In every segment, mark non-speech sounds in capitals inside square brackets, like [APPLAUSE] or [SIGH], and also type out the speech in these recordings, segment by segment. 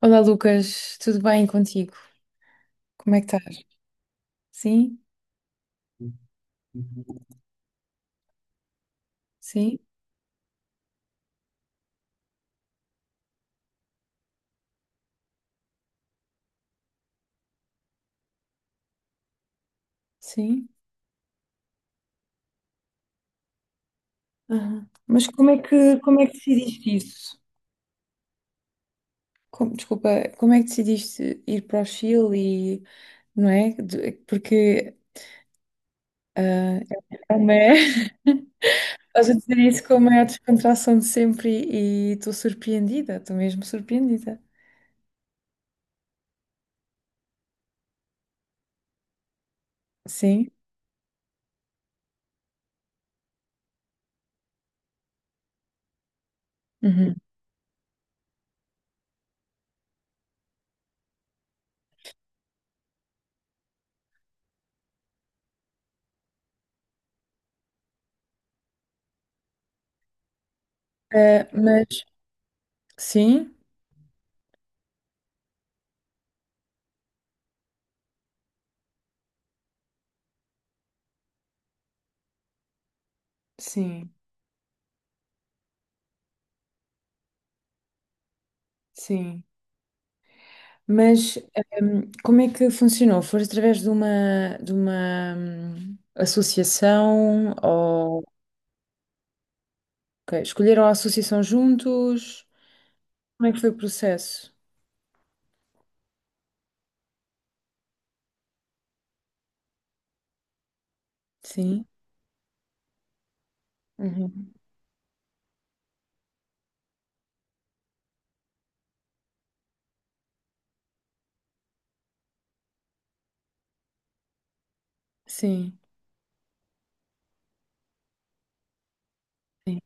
Olá, Lucas, tudo bem contigo? Como é que estás? Sim, sim, sim. Aham. Mas como é que decidiste isso? Desculpa, como é que decidiste ir para o Chile e, não é? Porque ah, é uma... [LAUGHS] Estás a dizer isso com a maior descontração de sempre e estou surpreendida, estou mesmo surpreendida. Sim. Uhum. Ah, mas sim, sim, sim. Mas como é que funcionou? Foi através de uma, de uma associação ou Ok, escolheram a associação juntos? Como é que foi o processo? Sim. Uhum. Sim. Sim.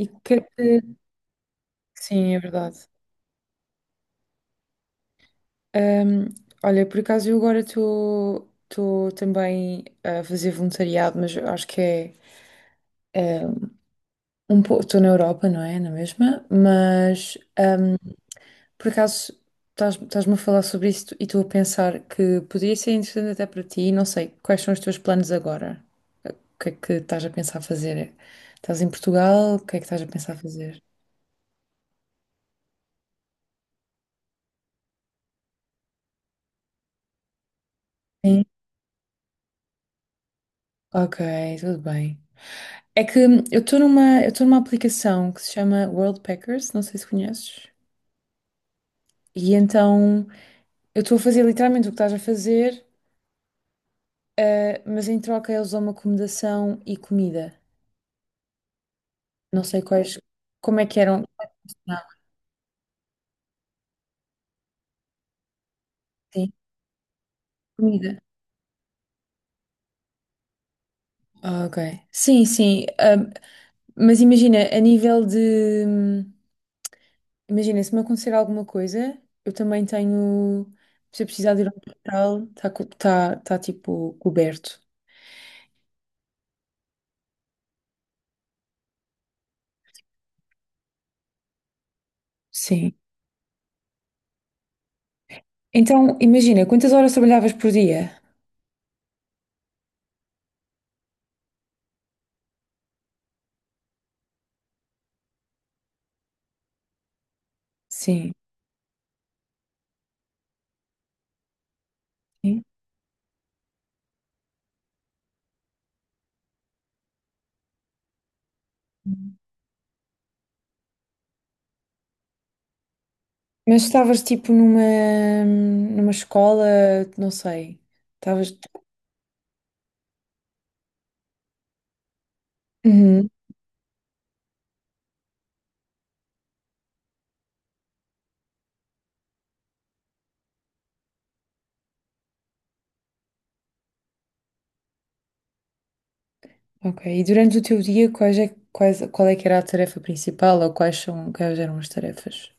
E o que é que... Sim, é verdade. Hum, Olha, por acaso eu agora estou também a fazer voluntariado, mas eu acho que é um pouco... Estou na Europa, não é? Na mesma? Mas por acaso, estás-me a falar sobre isto e estou a pensar que poderia ser interessante até para ti. Não sei, quais são os teus planos agora? O que é que estás a pensar fazer? Estás em Portugal? O que é que estás a pensar fazer? Sim. Ok, tudo bem. É que eu estou numa aplicação que se chama World Packers, não sei se conheces. E então eu estou a fazer literalmente o que estás a fazer, mas em troca eles dão uma acomodação e comida. Não sei quais, como é que eram. Não, sim, comida. Ah, ok. Sim, sim. Mas imagina, a nível de. Imagina, se me acontecer alguma coisa, eu também tenho. Se eu precisar de ir ao hospital, está tipo coberto. Sim. Então, imagina, quantas horas trabalhavas por dia? Sim. Sim. Mas estavas tipo numa escola, não sei. Estavas. Uhum, ok. E durante o teu dia, qual é que era a tarefa principal ou quais eram as tarefas?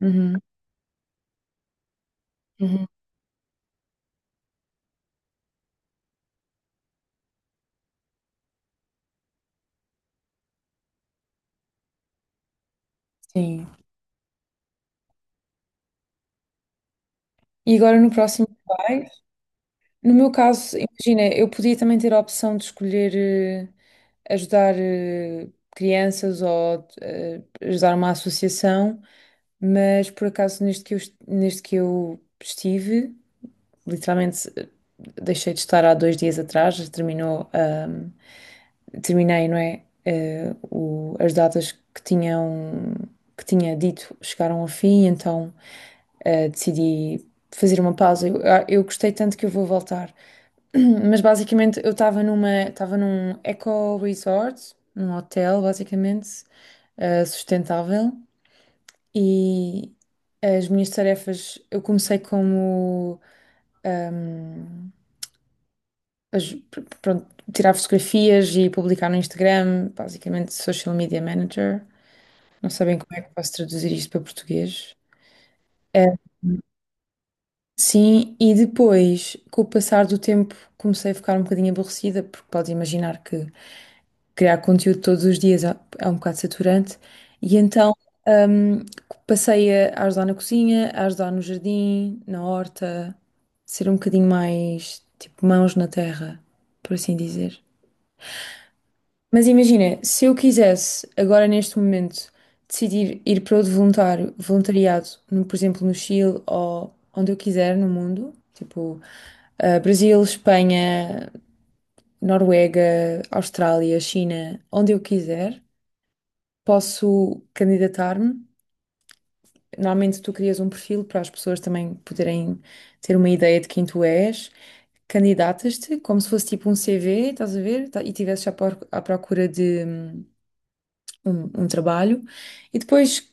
Uhum. Uhum, Sim. E agora no próximo que vais? No meu caso, imagina, eu podia também ter a opção de escolher ajudar crianças ou ajudar uma associação, mas por acaso neste que eu estive. Literalmente deixei de estar há 2 dias atrás, terminou, terminei, não é? As datas que tinham, que tinha dito chegaram ao fim, então decidi fazer uma pausa. Eu gostei tanto que eu vou voltar. [CLEARS THROAT] Mas basicamente eu estava num eco resort, num hotel basicamente sustentável e as minhas tarefas eu comecei como ahm, pronto, tirar fotografias e publicar no Instagram, basicamente social media manager. Não sabem como é que posso traduzir isto para português. Eh, Sim, e depois, com o passar do tempo, comecei a ficar um bocadinho aborrecida, porque pode imaginar que criar conteúdo todos os dias é um bocado saturante, e então hum, passei a ajudar na cozinha, a ajudar no jardim, na horta, ser um bocadinho mais tipo mãos na terra, por assim dizer. Mas imagina, se eu quisesse agora neste momento decidir ir para outro voluntariado, por exemplo, no Chile ou onde eu quiser no mundo, tipo Brasil, Espanha, Noruega, Austrália, China, onde eu quiser, posso candidatar-me. Normalmente tu crias um perfil para as pessoas também poderem ter uma ideia de quem tu és. Candidatas-te como se fosse tipo um CV, estás a ver? E tivesses à procura de um trabalho e depois,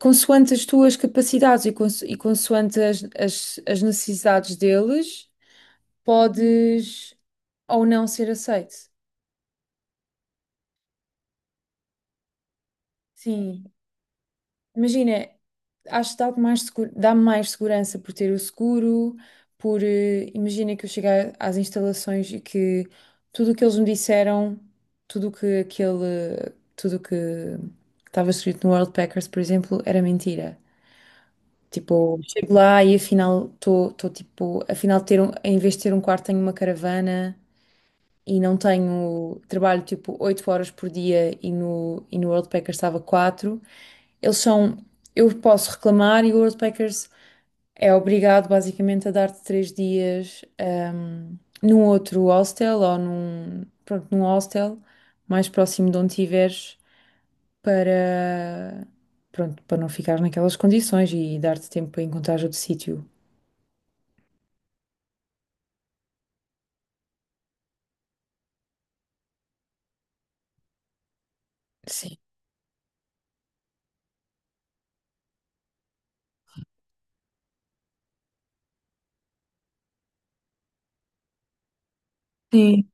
consoante as tuas capacidades e consoante as necessidades deles, podes ou não ser aceito. Sim, imagina, acho que dá-te mais seguro, dá-me mais segurança por ter o seguro, por, imagina que eu chegar às instalações e que tudo o que eles me disseram, tudo o que estava escrito no World Packers, por exemplo, era mentira. Tipo, chego lá e afinal ter um, em vez de ter um quarto tenho uma caravana e não tenho, trabalho tipo 8 horas por dia e no World Packers estava 4. Eles são, eu posso reclamar e o World Packers é obrigado basicamente a dar-te 3 dias num outro hostel ou num, pronto, num hostel mais próximo de onde estiveres para, pronto, para não ficar naquelas condições e dar-te tempo para encontrar outro sítio. Sim, sim,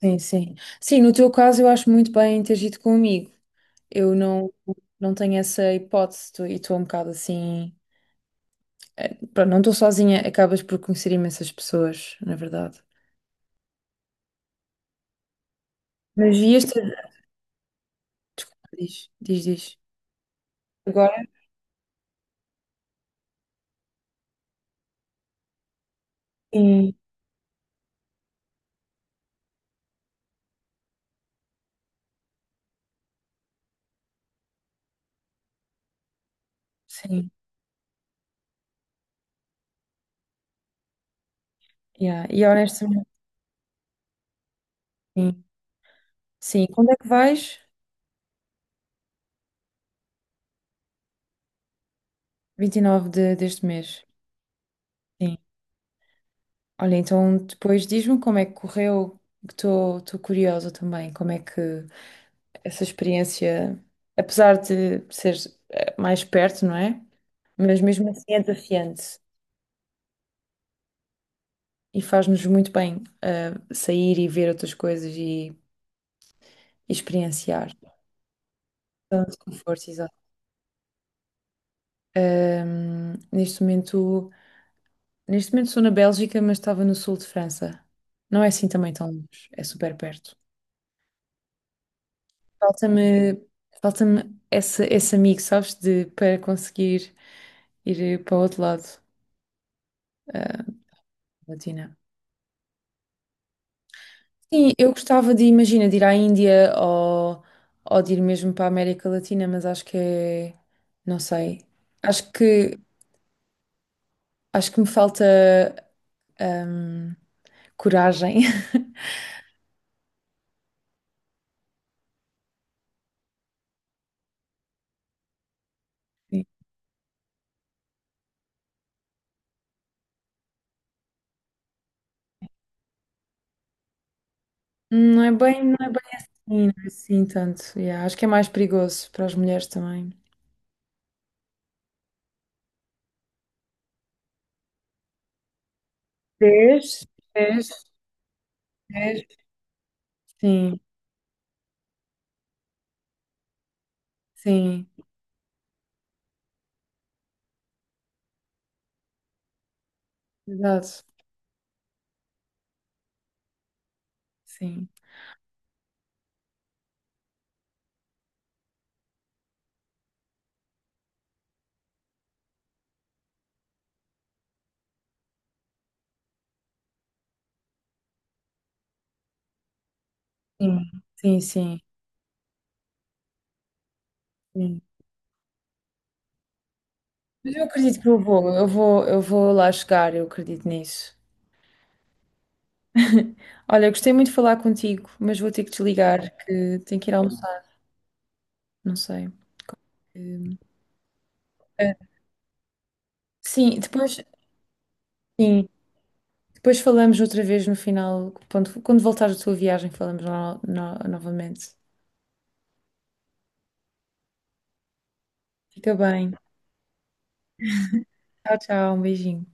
sim, sim. Sim, no teu caso eu acho muito bem teres ido comigo. Eu não tenho essa hipótese e estou um bocado assim. Pronto, não estou sozinha, acabas por conhecer imensas pessoas, na verdade. Mas e este. Diz, diz, diz. Agora? Sim, sim. Yeah. E honestamente, sim. Sim. Quando é que vais? Vinte e nove deste mês. Sim. Olha, então depois diz-me como é que correu, que estou curiosa também, como é que essa experiência, apesar de ser mais perto, não é? Mas mesmo assim é desafiante e faz-nos muito bem sair e ver outras coisas e experienciar. Tanto conforto, exato. Ahm, neste momento, neste momento, sou na Bélgica, mas estava no sul de França. Não é assim também tão longe, é super perto. Falta-me falta-me esse amigo, sabes, de, para conseguir ir para o outro lado eh, Latina. Sim, eu gostava de, imagina, de ir à Índia ou de ir mesmo para a América Latina, mas acho que é, não sei. Acho que, acho que me falta ahm, coragem. [LAUGHS] Sim. Não é bem assim, não é assim tanto. Yeah, acho que é mais perigoso para as mulheres também. Vês? Vês? Vês? Sim. Sim, exato. Sim, sim, sim, sim. Sim. Mas eu acredito que eu vou lá chegar, eu acredito nisso. [LAUGHS] Olha, gostei muito de falar contigo, mas vou ter que desligar, que tenho que ir almoçar, não sei. Hum, é. Sim, depois, sim, depois falamos outra vez no final, quando voltares da tua viagem, falamos novamente. Fica bem. Tchau, tchau, um beijinho.